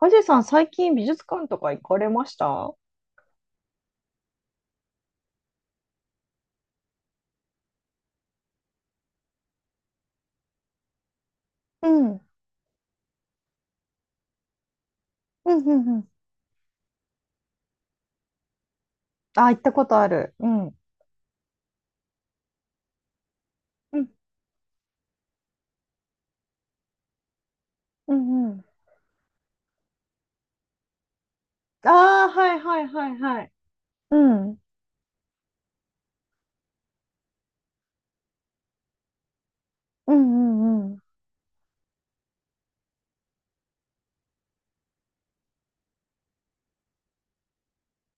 はじさん、最近美術館とか行かれました？うん。うんうんうん。あ、行ったことある。うん。うんうんうん。ああー、はいはいはいはい。うん。うんうんうん。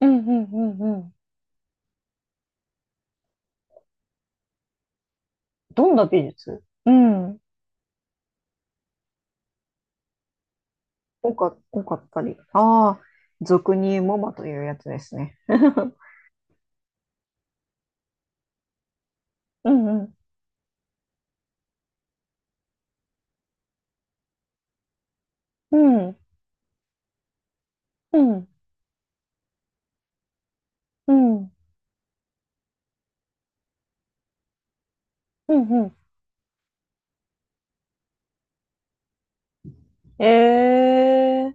うんうんうんうん。どんな美術、うん。多かったり。ああ、俗に言うモマというやつですね。うん。うん。うん。うん。うん。うん。うん。えー、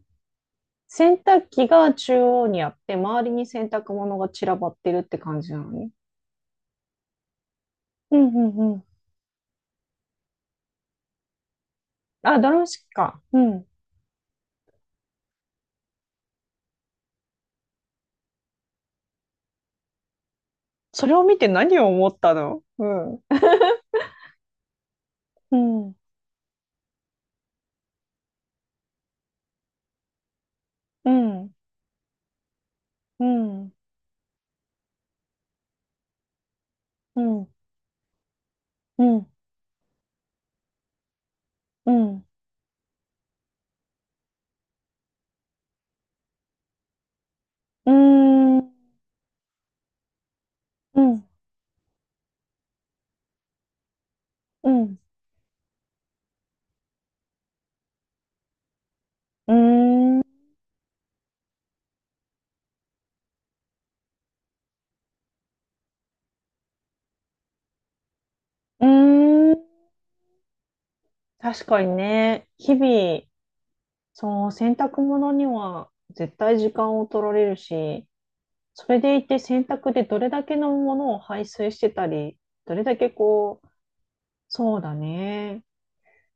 洗濯機が中央にあって、周りに洗濯物が散らばってるって感じなのね？うんうんうん。あ、ドラム式か。うん。それを見て何を思ったの？うん。うん。うん。うん。うん。うん。うん。うん。うん。うん。うん。うんうん。確かにね。日々、その洗濯物には絶対時間を取られるし、それでいて洗濯でどれだけのものを排水してたり、どれだけこう、そうだね。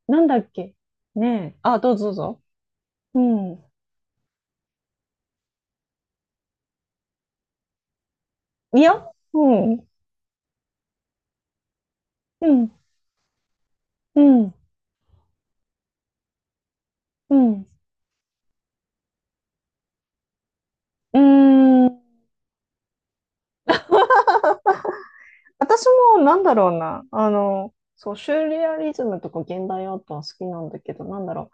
なんだっけ。ねえ。あ、どうぞどうぞ。うん。いや、うん、うん、うん、うん。うーん、私もなんだろうな、そう、シューレアリズムとか現代アートは好きなんだけど、なんだろう、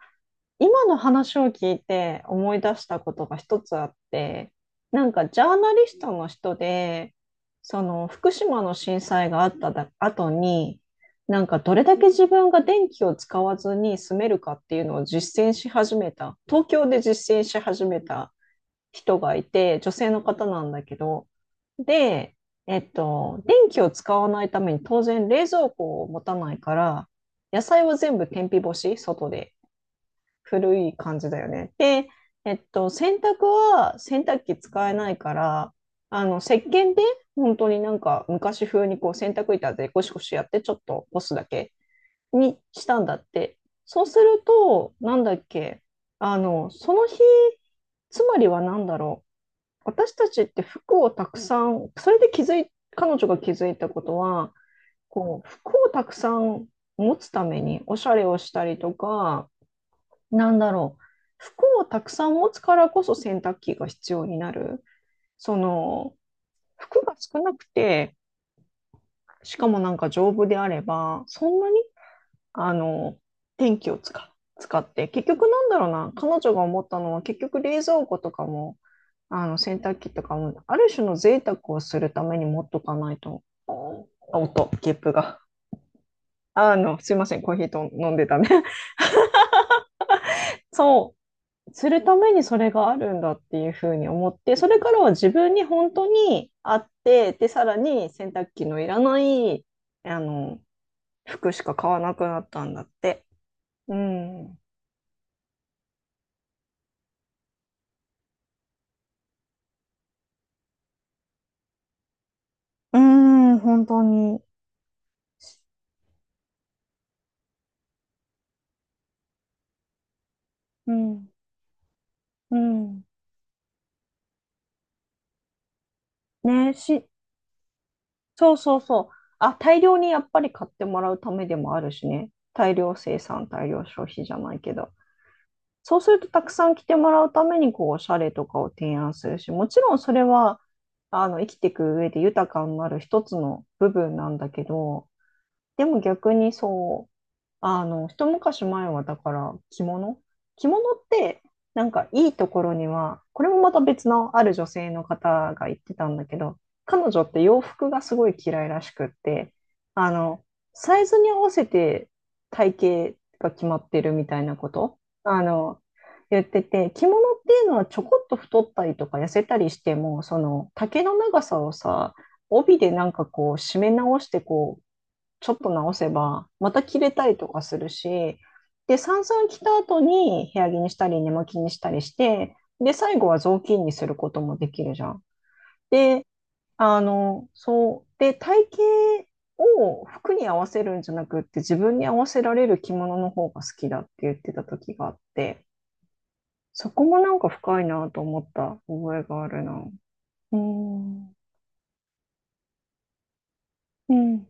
今の話を聞いて思い出したことが一つあって、なんかジャーナリストの人で、その福島の震災があっただ後に、なんかどれだけ自分が電気を使わずに住めるかっていうのを実践し始めた、東京で実践し始めた人がいて、女性の方なんだけど、で、えっと、電気を使わないために当然冷蔵庫を持たないから、野菜は全部天日干し、外で。古い感じだよね。で、えっと、洗濯は洗濯機使えないから、石鹸で本当になんか昔風にこう洗濯板でゴシゴシやってちょっと干すだけにしたんだって。そうすると、なんだっけ、その日、つまりはなんだろう。私たちって服をたくさん、それで気づい、彼女が気づいたことは、こう、服をたくさん持つためにおしゃれをしたりとか、なんだろう、服をたくさん持つからこそ洗濯機が必要になる。その、服が少なくて、しかもなんか丈夫であれば、そんなにあの、電気を使、使って、結局なんだろうな、彼女が思ったのは、結局冷蔵庫とかも、洗濯機とかも、ある種の贅沢をするために持っとかないと、あ音、ゲップが。すいません、コーヒーと飲んでたね。そう、するためにそれがあるんだっていうふうに思って、それからは自分に本当にあって、で、さらに洗濯機のいらない、あの、服しか買わなくなったんだって。うん。うーん、本当に。うん。うん。ね、し、そうそうそう。あ、大量にやっぱり買ってもらうためでもあるしね。大量生産、大量消費じゃないけど。そうするとたくさん来てもらうために、こう、おしゃれとかを提案するし、もちろんそれは、生きていく上で豊かになる一つの部分なんだけど、でも逆にそう、一昔前はだから着物って、なんかいいところには、これもまた別のある女性の方が言ってたんだけど、彼女って洋服がすごい嫌いらしくって、あの、サイズに合わせて体型が決まってるみたいなこと、言ってて、着物っていうのはちょこっと太ったりとか痩せたりしても、その丈の長さをさ、帯でなんかこう締め直してこうちょっと直せば、また着れたりとかするし、で、散々着た後に部屋着にしたり、寝巻きにしたりして、で、最後は雑巾にすることもできるじゃん。で、そう。で、体型を服に合わせるんじゃなくって自分に合わせられる着物の方が好きだって言ってた時があって、そこもなんか深いなと思った覚えがあるな。うーん、うん、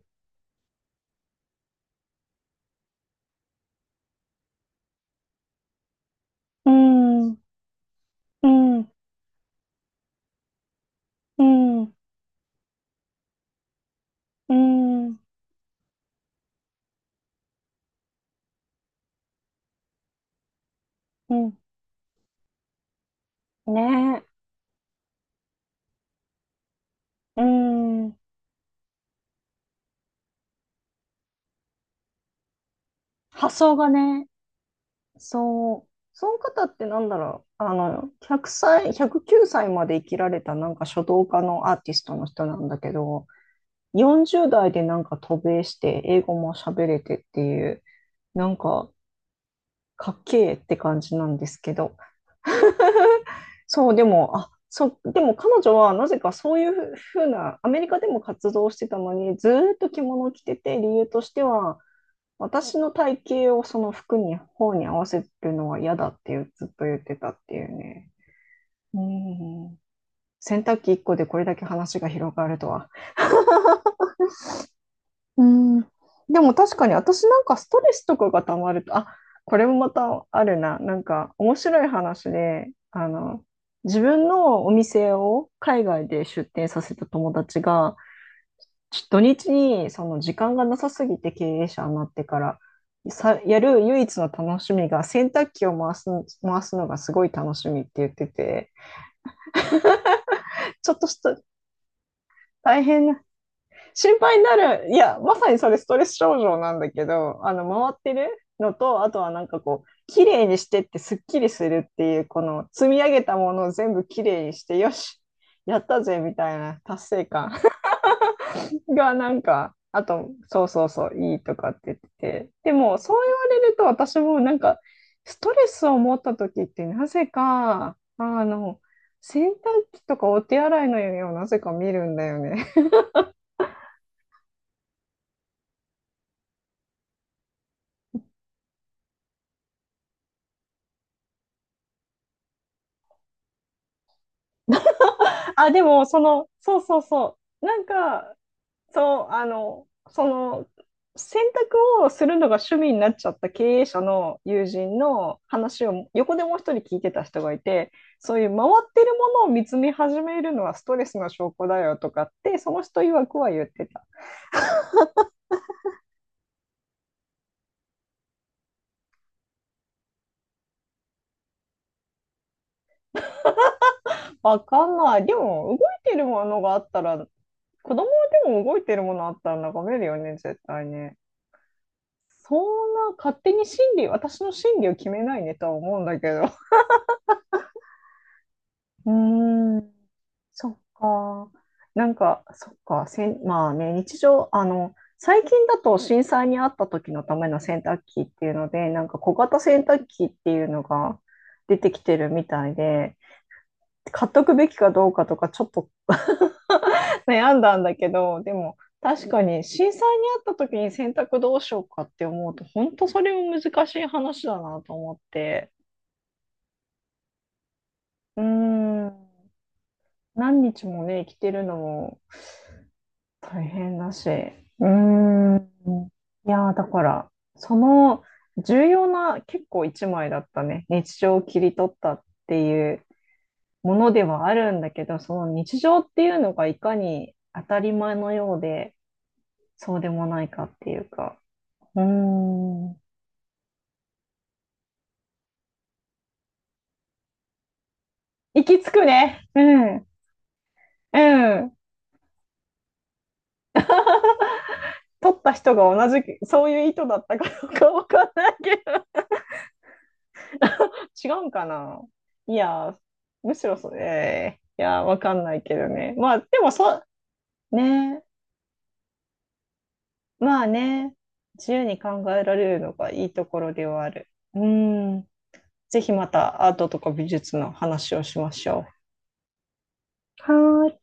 うん、うん、うん、うん、うん。ねえ。うーん、発想がね、そう、その方ってなんだろう、100歳、109歳まで生きられたなんか書道家のアーティストの人なんだけど、40代でなんか渡米して英語も喋れてっていう、なんかかっけえって感じなんですけど、そう、でも、あ、そう、でも彼女はなぜかそういうふうな、アメリカでも活動してたのに、ずーっと着物を着てて、理由としては、私の体型をその服に、方に合わせるのは嫌だっていうずっと言ってたっていうね。うん。洗濯機1個でこれだけ話が広がるとは。うん。でも確かに私なんかストレスとかがたまると、あ、これもまたあるな。なんか面白い話で、自分のお店を海外で出店させた友達が、土日にその時間がなさすぎて経営者になってからさ、やる唯一の楽しみが洗濯機を回す、回すのがすごい楽しみって言ってて、ちょっとした大変な、心配になる、いや、まさにそれストレス症状なんだけど、回ってるのと、あとはなんかこう、綺麗にしてってすっきりするっていう、この積み上げたものを全部綺麗にして、よし、やったぜみたいな達成感。がなんか、あと、そうそうそう、いいとかって言ってて、でも、そう言われると、私もなんか、ストレスを持った時って、なぜか、洗濯機とかお手洗いの夢をなぜか見るんだよね。あ、でも、その、そうそうそう、なんか、そう、その、選択をするのが趣味になっちゃった経営者の友人の話を横でもう一人聞いてた人がいて、そういう回ってるものを見つめ始めるのはストレスの証拠だよとかって、その人曰くは言ってた。わかんない。でも、動いてるものがあったら、子供でも動いてるものあったら眺めるよね、絶対ね。そんな勝手に心理、私の心理を決めないねとは思うんだけど。うーん。そっか。なんか、そっか。せん、まあね、日常、最近だと震災にあった時のための洗濯機っていうので、なんか小型洗濯機っていうのが出てきてるみたいで、買っとくべきかどうかとかちょっと 悩んだんだけど、でも確かに震災にあった時に洗濯どうしようかって思うと、本当それも難しい話だなと思って。うーん。何日もね、生きてるのも大変だし。うーん。いやー、だから、その重要な結構一枚だったね。日常を切り取ったっていうものではあるんだけど、その日常っていうのがいかに当たり前のようで、そうでもないかっていうか。うーん。行き着くね。うん。うん。取った人が同じ、そういう意図だったかどうかわかんないけど。違うんかな。いや、むしろそれ、いや、わかんないけどね。まあ、でもそう、ね、まあね、自由に考えられるのがいいところではある。うん、ぜひまたアートとか美術の話をしましょう。はーい。